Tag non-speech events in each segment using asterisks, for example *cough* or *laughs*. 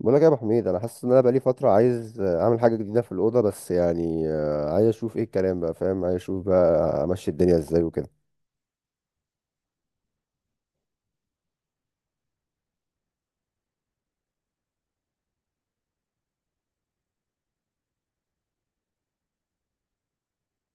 بقول لك يا ابو حميد، انا حاسس ان انا بقالي فتره عايز اعمل حاجه جديده في الاوضه. بس يعني عايز اشوف ايه الكلام، بقى فاهم. عايز اشوف بقى امشي الدنيا ازاي وكده.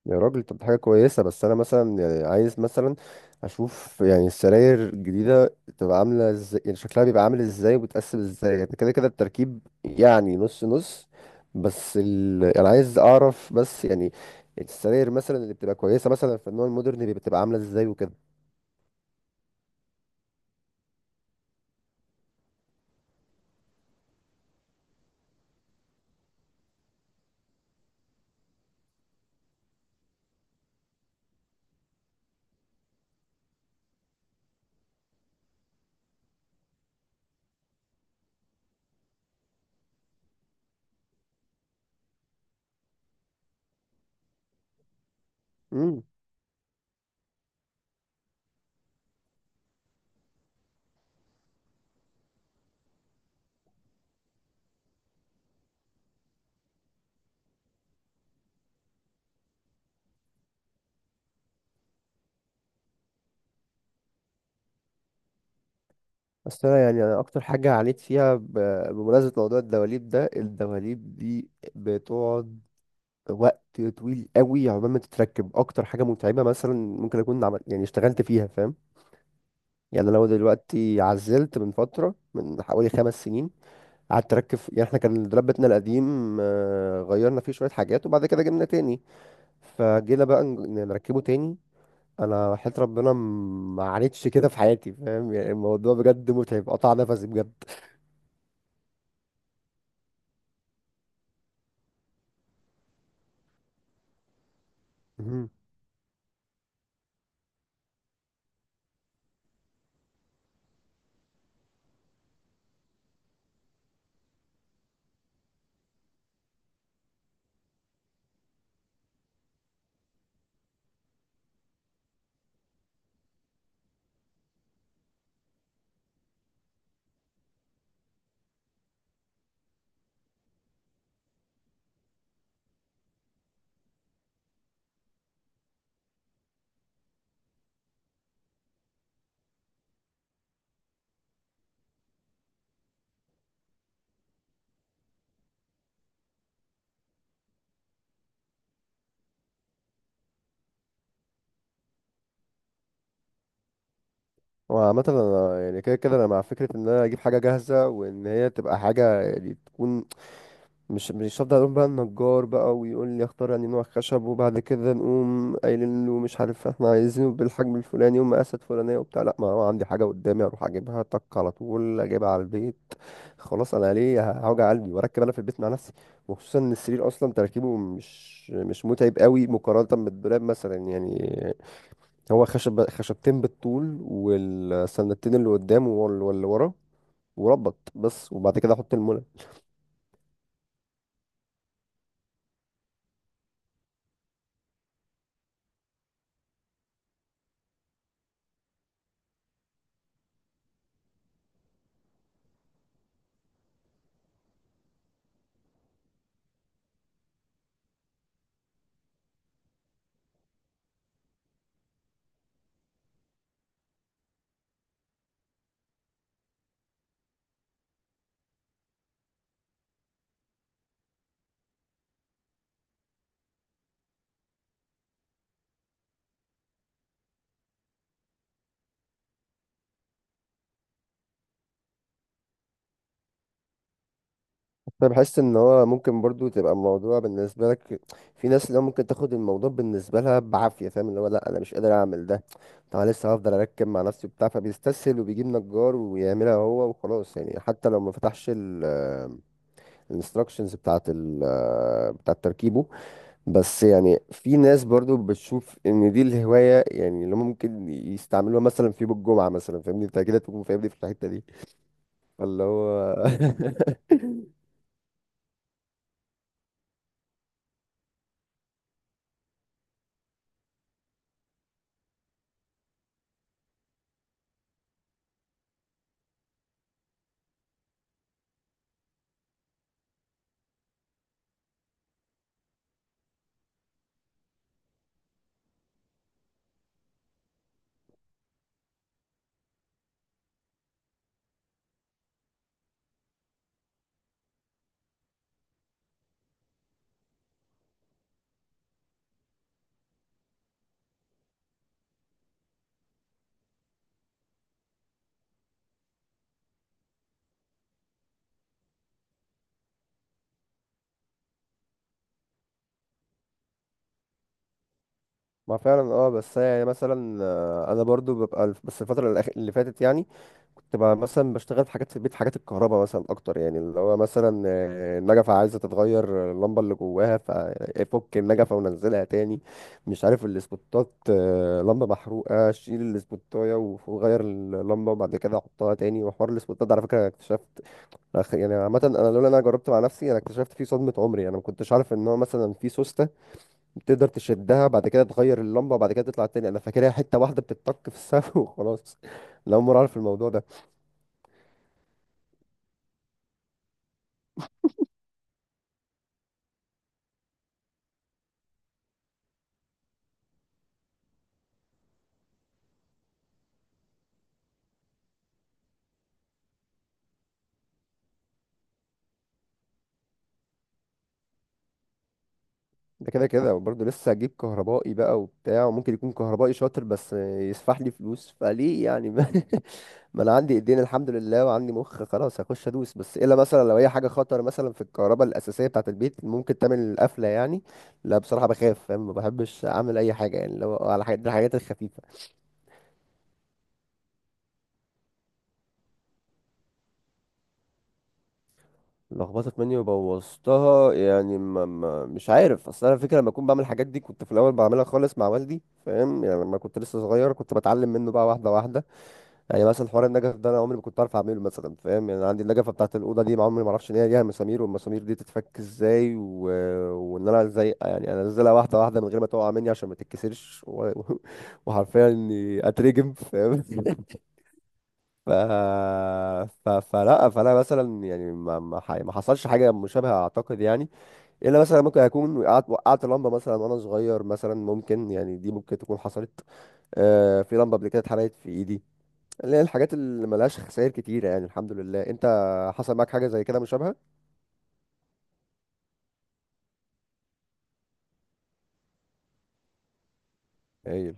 يا راجل، طب دي حاجه كويسه. بس انا مثلا يعني عايز مثلا اشوف يعني السراير الجديده تبقى عامله ازاي، يعني شكلها بيبقى عامل ازاي وبتقسم ازاي، يعني كده كده التركيب، يعني نص نص. انا عايز اعرف بس يعني السراير مثلا اللي بتبقى كويسه مثلا في النوع المودرن بتبقى عامله ازاي وكده. بس انا يعني أنا اكتر حاجه عانيت فيها بمناسبه موضوع الدواليب ده، الدواليب دي بتقعد وقت طويل قوي عقبال ما تتركب. اكتر حاجه متعبه مثلا ممكن اكون عمل، يعني اشتغلت فيها، فاهم. يعني لو دلوقتي عزلت من فتره، من حوالي 5 سنين قعدت اركب. يعني احنا كان الدولاب بتاعنا القديم، غيرنا فيه شويه حاجات، وبعد كده جبنا تاني، فجينا بقى نركبه تاني. انا وحياة ربنا ما عانيتش كده في حياتي، فاهم. يعني الموضوع بجد متعب، قطع نفسي بجد. وعامة أنا يعني كده كده أنا مع فكرة إن أنا أجيب حاجة جاهزة، وإن هي تبقى حاجة يعني تكون. مش هفضل أقول بقى النجار بقى ويقول لي اختار يعني نوع خشب، وبعد كده نقوم قايلين له مش عارف، إحنا عايزينه بالحجم الفلاني ومقاسات فلانية وبتاع. لأ، ما هو عندي حاجة قدامي أروح أجيبها طق على طول، أجيبها على البيت. خلاص أنا ليه هوجع قلبي وأركب أنا في البيت مع نفسي؟ وخصوصا إن السرير أصلا تركيبه مش متعب قوي مقارنة بالدولاب مثلا. يعني هو خشب، خشبتين بالطول والسندتين اللي قدام واللي ورا، وربط بس، وبعد كده احط المولد. انا بحس ان هو ممكن برضو تبقى الموضوع بالنسبه لك، في ناس اللي هو ممكن تاخد الموضوع بالنسبه لها بعافيه، فاهم، اللي هو لا انا مش قادر اعمل ده. طب أنا لسه هفضل اركب مع نفسي وبتاع، فبيستسهل وبيجيب نجار ويعملها هو وخلاص. يعني حتى لو ما فتحش الانستراكشنز بتاعه ال، بتاعه تركيبه. بس يعني في ناس برضو بتشوف ان دي الهواية، يعني اللي هم ممكن يستعملوها مثلا في يوم الجمعة مثلا. فاهمني انت كده، تكون فاهمني في الحتة دي، فاللي هو *laughs* ما فعلا اه. بس هي يعني مثلا انا برضو ببقى بس الفتره اللي فاتت. يعني كنت بقى مثلا بشتغل في حاجات في البيت، حاجات الكهرباء مثلا اكتر، يعني اللي هو مثلا النجفه عايزه تتغير اللمبه اللي جواها، ففك النجفه ونزلها تاني. مش عارف الاسبوتات، لمبه محروقه، شيل الاسبوتايه وغير اللمبه وبعد كده حطها تاني. وحوار الاسبوتات ده على فكره أنا اكتشفت يعني عامه انا لولا إن انا جربت مع نفسي انا اكتشفت فيه صدمه. عمري انا ما كنتش عارف ان هو مثلا في سوست تقدر تشدها بعد كده تغير اللمبه بعد كده تطلع تاني. انا فاكرها حته واحده بتتطك في السقف *laughs* وخلاص. لا عمري اعرف الموضوع ده. ده كده كده برضه لسه هجيب كهربائي بقى وبتاع. وممكن يكون كهربائي شاطر بس يسفح لي فلوس، فليه يعني؟ *laughs* ما انا عندي ايدين الحمد لله وعندي مخ، خلاص هخش ادوس. بس الا مثلا لو هي حاجه خطر مثلا في الكهرباء الاساسيه بتاعه البيت ممكن تعمل القفله يعني. لا بصراحه بخاف، فاهم، ما بحبش اعمل اي حاجه. يعني لو على الحاجات الخفيفه. لخبطت مني وبوظتها، يعني ما ما مش عارف. اصل انا فكره لما اكون بعمل الحاجات دي كنت في الاول بعملها خالص مع والدي، فاهم. يعني لما كنت لسه صغير كنت بتعلم منه بقى واحده واحده. يعني مثلا حوار النجف ده انا عمري ما كنت عارف اعمله مثلا، فاهم. يعني أنا عندي النجفه بتاعت الاوضه دي ما عمري ما اعرفش ان هي ليها مسامير، والمسامير دي تتفك ازاي، و... وان انا ازاي يعني انزلها واحده واحده من غير ما تقع مني عشان ما تتكسرش، و... *laughs* وحرفيا اني اترجم، فاهم. ف... فلا، فانا مثلا يعني ما ما, ما حصلش حاجه مشابهه اعتقد يعني. الا مثلا ممكن اكون وقعت لمبه مثلا وانا صغير مثلا، ممكن يعني دي ممكن تكون حصلت. آه في لمبه قبل كده اتحرقت في ايدي. اللي هي الحاجات اللي ملهاش خسائر كتيره، يعني الحمد لله. انت حصل معاك حاجه زي كده مشابهه؟ هايل.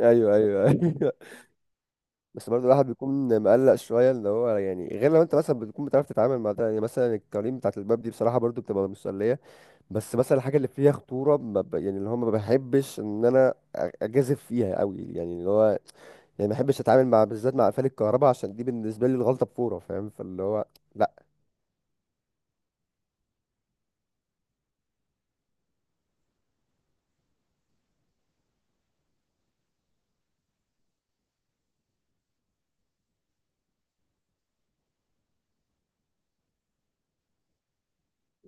ايوه ايوه ايوه *laughs* بس برضه الواحد بيكون مقلق شويه اللي هو، يعني غير لو انت مثلا بتكون بتعرف تتعامل مع ده. يعني مثلا القوانين بتاعت الباب دي بصراحه برضه بتبقى مسليه. بس مثلا الحاجه اللي فيها خطوره ما ب... يعني اللي هو ما بحبش ان انا اجازف فيها قوي، يعني اللي هو يعني ما بحبش اتعامل، مع بالذات مع قفل الكهرباء، عشان دي بالنسبه لي الغلطه بفوره، فاهم، فاللي هو لا.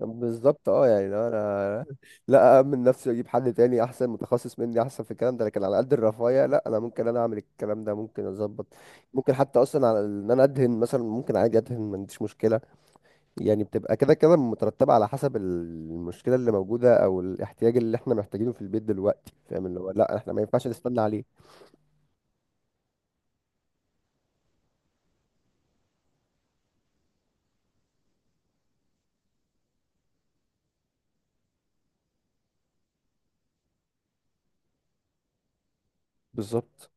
بالظبط اه. يعني لو انا *laughs* لا اامن نفسي واجيب حد تاني احسن متخصص مني، احسن في الكلام ده. لكن على قد الرفاهيه لا انا ممكن انا اعمل الكلام ده، ممكن اظبط. ممكن حتى اصلا على ان انا ادهن مثلا ممكن عادي ادهن ما عنديش مشكله. يعني بتبقى كده كده مترتبة على حسب المشكلة اللي موجودة أو الاحتياج اللي احنا محتاجينه في البيت دلوقتي، فاهم، اللي هو لأ احنا ما ينفعش نستنى عليه. بالظبط.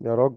يا راجل